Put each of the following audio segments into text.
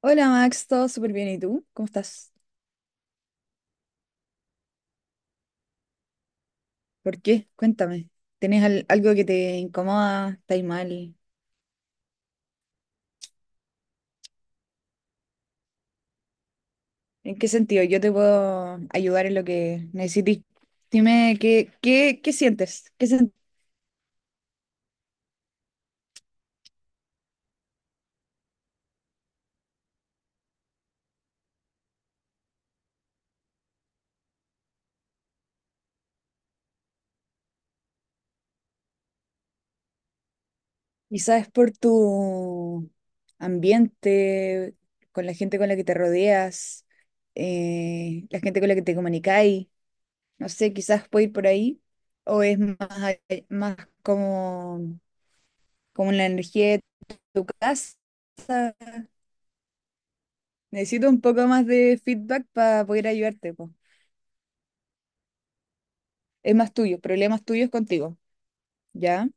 Hola Max, todo súper bien. ¿Y tú? ¿Cómo estás? ¿Por qué? Cuéntame. ¿Tenés algo que te incomoda? ¿Estás mal? ¿En qué sentido? Yo te puedo ayudar en lo que necesites. Dime, ¿qué sientes? ¿Qué quizás es por tu ambiente, con la gente con la que te rodeas, la gente con la que te comunicáis. No sé, quizás puede ir por ahí. ¿O es más, más como, como la energía de tu casa? Necesito un poco más de feedback para poder ayudarte, po. Es más tuyo, problemas tuyos contigo, ¿ya?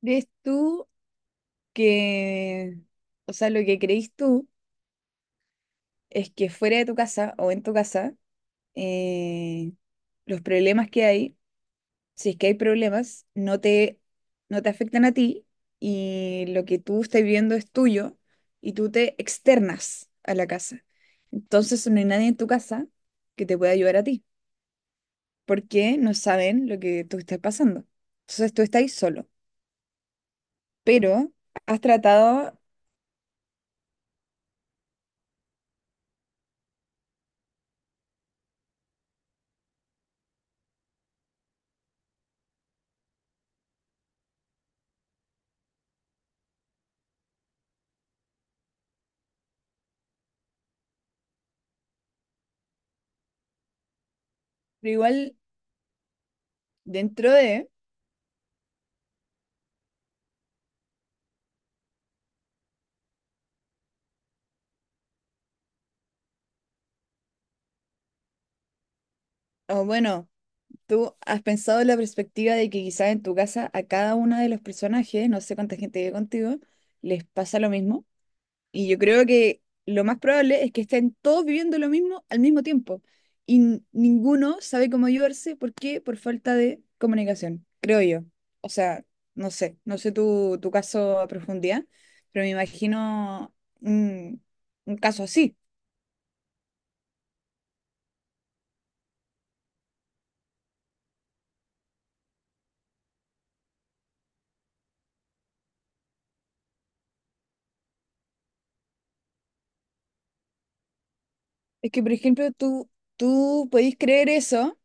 ¿Crees tú que, o sea, lo que creís tú es que fuera de tu casa o en tu casa, eh, los problemas que hay, si es que hay problemas, no te afectan a ti, y lo que tú estás viviendo es tuyo y tú te externas a la casa. Entonces no hay nadie en tu casa que te pueda ayudar a ti, porque no saben lo que tú estás pasando. Entonces tú estás solo, pero has tratado, pero igual dentro de, o bueno, tú has pensado en la perspectiva de que quizás en tu casa a cada uno de los personajes, no sé cuánta gente vive contigo, les pasa lo mismo. Y yo creo que lo más probable es que estén todos viviendo lo mismo al mismo tiempo. Y ninguno sabe cómo ayudarse. ¿Por qué? Por falta de comunicación, creo yo. O sea, no sé tu caso a profundidad, pero me imagino un, un caso así. Es que, por ejemplo, tú podéis creer eso.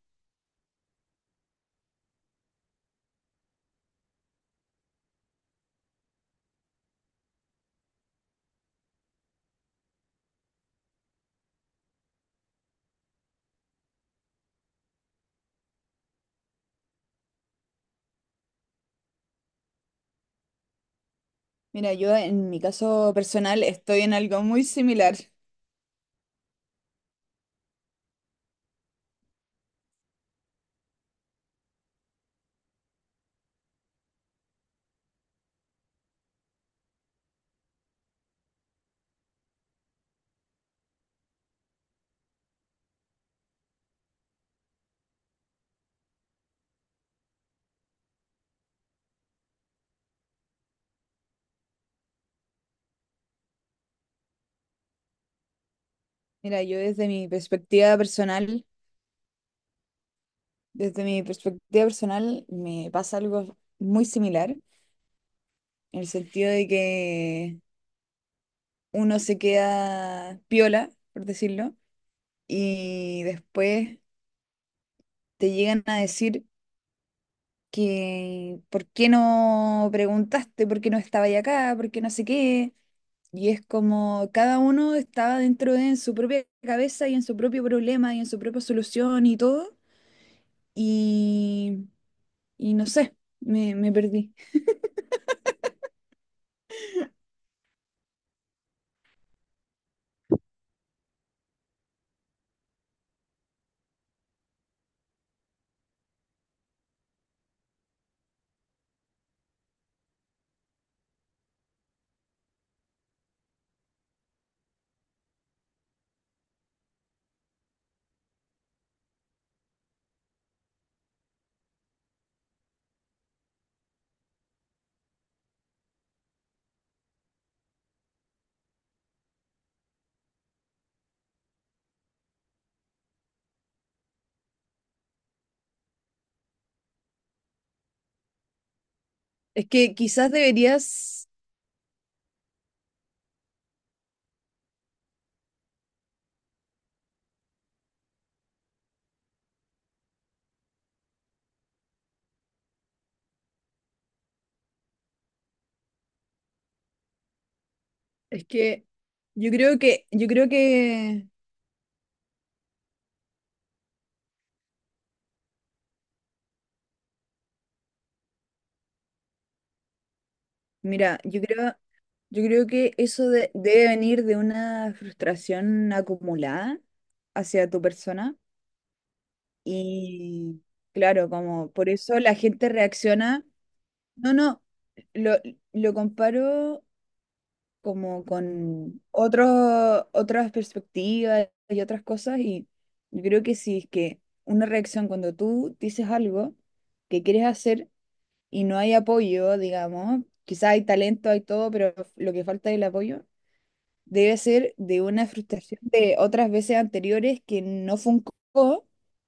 Mira, yo en mi caso personal estoy en algo muy similar. Mira, yo desde mi perspectiva personal, desde mi perspectiva personal, me pasa algo muy similar, en el sentido de que uno se queda piola, por decirlo, y después te llegan a decir que ¿por qué no preguntaste? ¿Por qué no estaba ya acá? ¿Por qué no sé qué? Y es como cada uno estaba dentro de en su propia cabeza y en su propio problema y en su propia solución y todo, y, y no sé, me perdí. Es que quizás deberías, es que yo creo que, mira, yo creo que eso debe venir de una frustración acumulada hacia tu persona. Y claro, como por eso la gente reacciona. No, no, lo, lo comparo como con otros otras perspectivas y otras cosas. Y yo creo que si es que una reacción cuando tú dices algo que quieres hacer y no hay apoyo, digamos, quizás hay talento, hay todo, pero lo que falta es el apoyo, debe ser de una frustración de otras veces anteriores que no funcó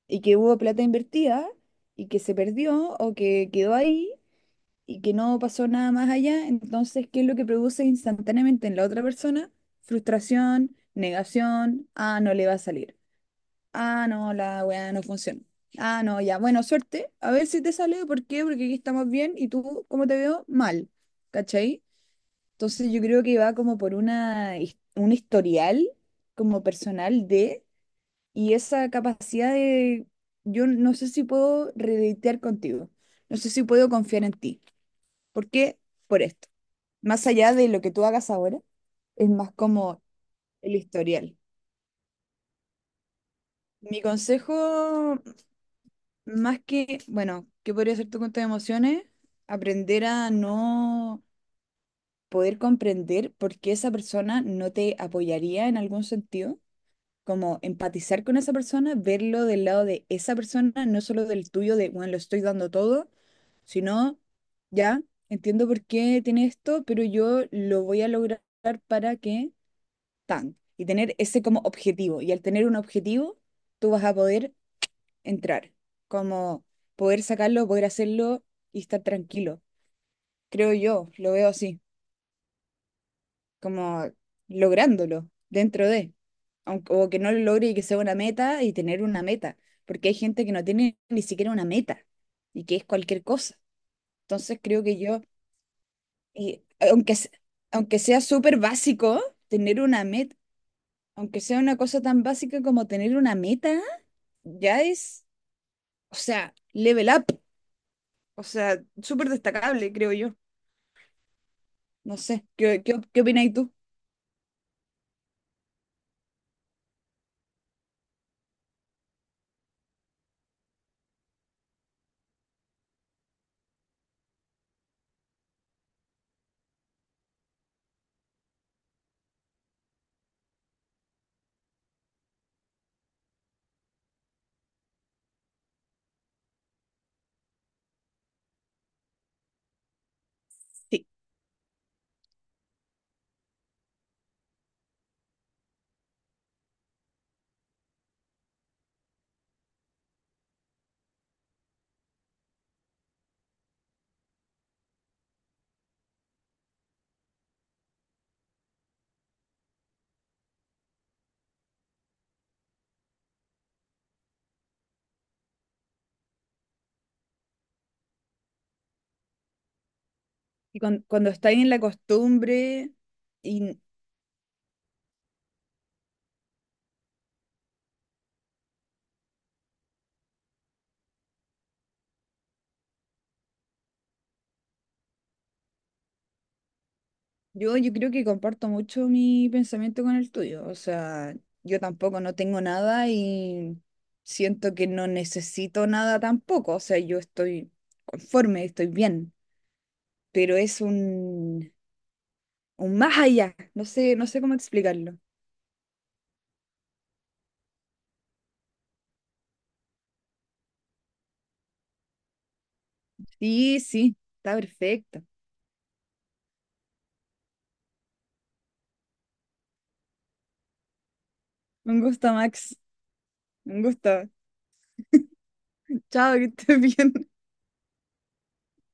y que hubo plata invertida y que se perdió o que quedó ahí y que no pasó nada más allá. Entonces, ¿qué es lo que produce instantáneamente en la otra persona? Frustración, negación. Ah, no le va a salir. Ah, no, la weá no funciona. Ah, no, ya. Bueno, suerte. A ver si te sale. ¿Por qué? Porque aquí estamos bien y tú, ¿cómo te veo? Mal. ¿Cachai? Entonces yo creo que va como por una, un historial como personal de y esa capacidad de, yo no sé si puedo redetear contigo. No sé si puedo confiar en ti. ¿Por qué? Por esto. Más allá de lo que tú hagas ahora, es más como el historial. Mi consejo, más que, bueno, ¿qué podría ser tu cuenta de emociones? Aprender a no poder comprender por qué esa persona no te apoyaría en algún sentido, como empatizar con esa persona, verlo del lado de esa persona, no solo del tuyo, de, bueno, lo estoy dando todo, sino, ya, entiendo por qué tiene esto, pero yo lo voy a lograr para que tan, y tener ese como objetivo. Y al tener un objetivo, tú vas a poder entrar, como poder sacarlo, poder hacerlo y estar tranquilo. Creo yo, lo veo así, como lográndolo dentro de, aunque, o que no lo logre y que sea una meta y tener una meta, porque hay gente que no tiene ni siquiera una meta y que es cualquier cosa. Entonces creo que yo, y aunque, aunque sea súper básico, tener una meta, aunque sea una cosa tan básica como tener una meta, ya es, o sea, level up, o sea, súper destacable, creo yo. No sé, ¿qué opinas tú? Sí. Y cuando estáis en la costumbre, y yo creo que comparto mucho mi pensamiento con el tuyo. O sea, yo tampoco no tengo nada y siento que no necesito nada tampoco. O sea, yo estoy conforme, estoy bien, pero es un más allá. No sé, no sé cómo explicarlo. Sí, sí, está perfecto. Un gusto, Max. Un gusto. Chao, que estés bien.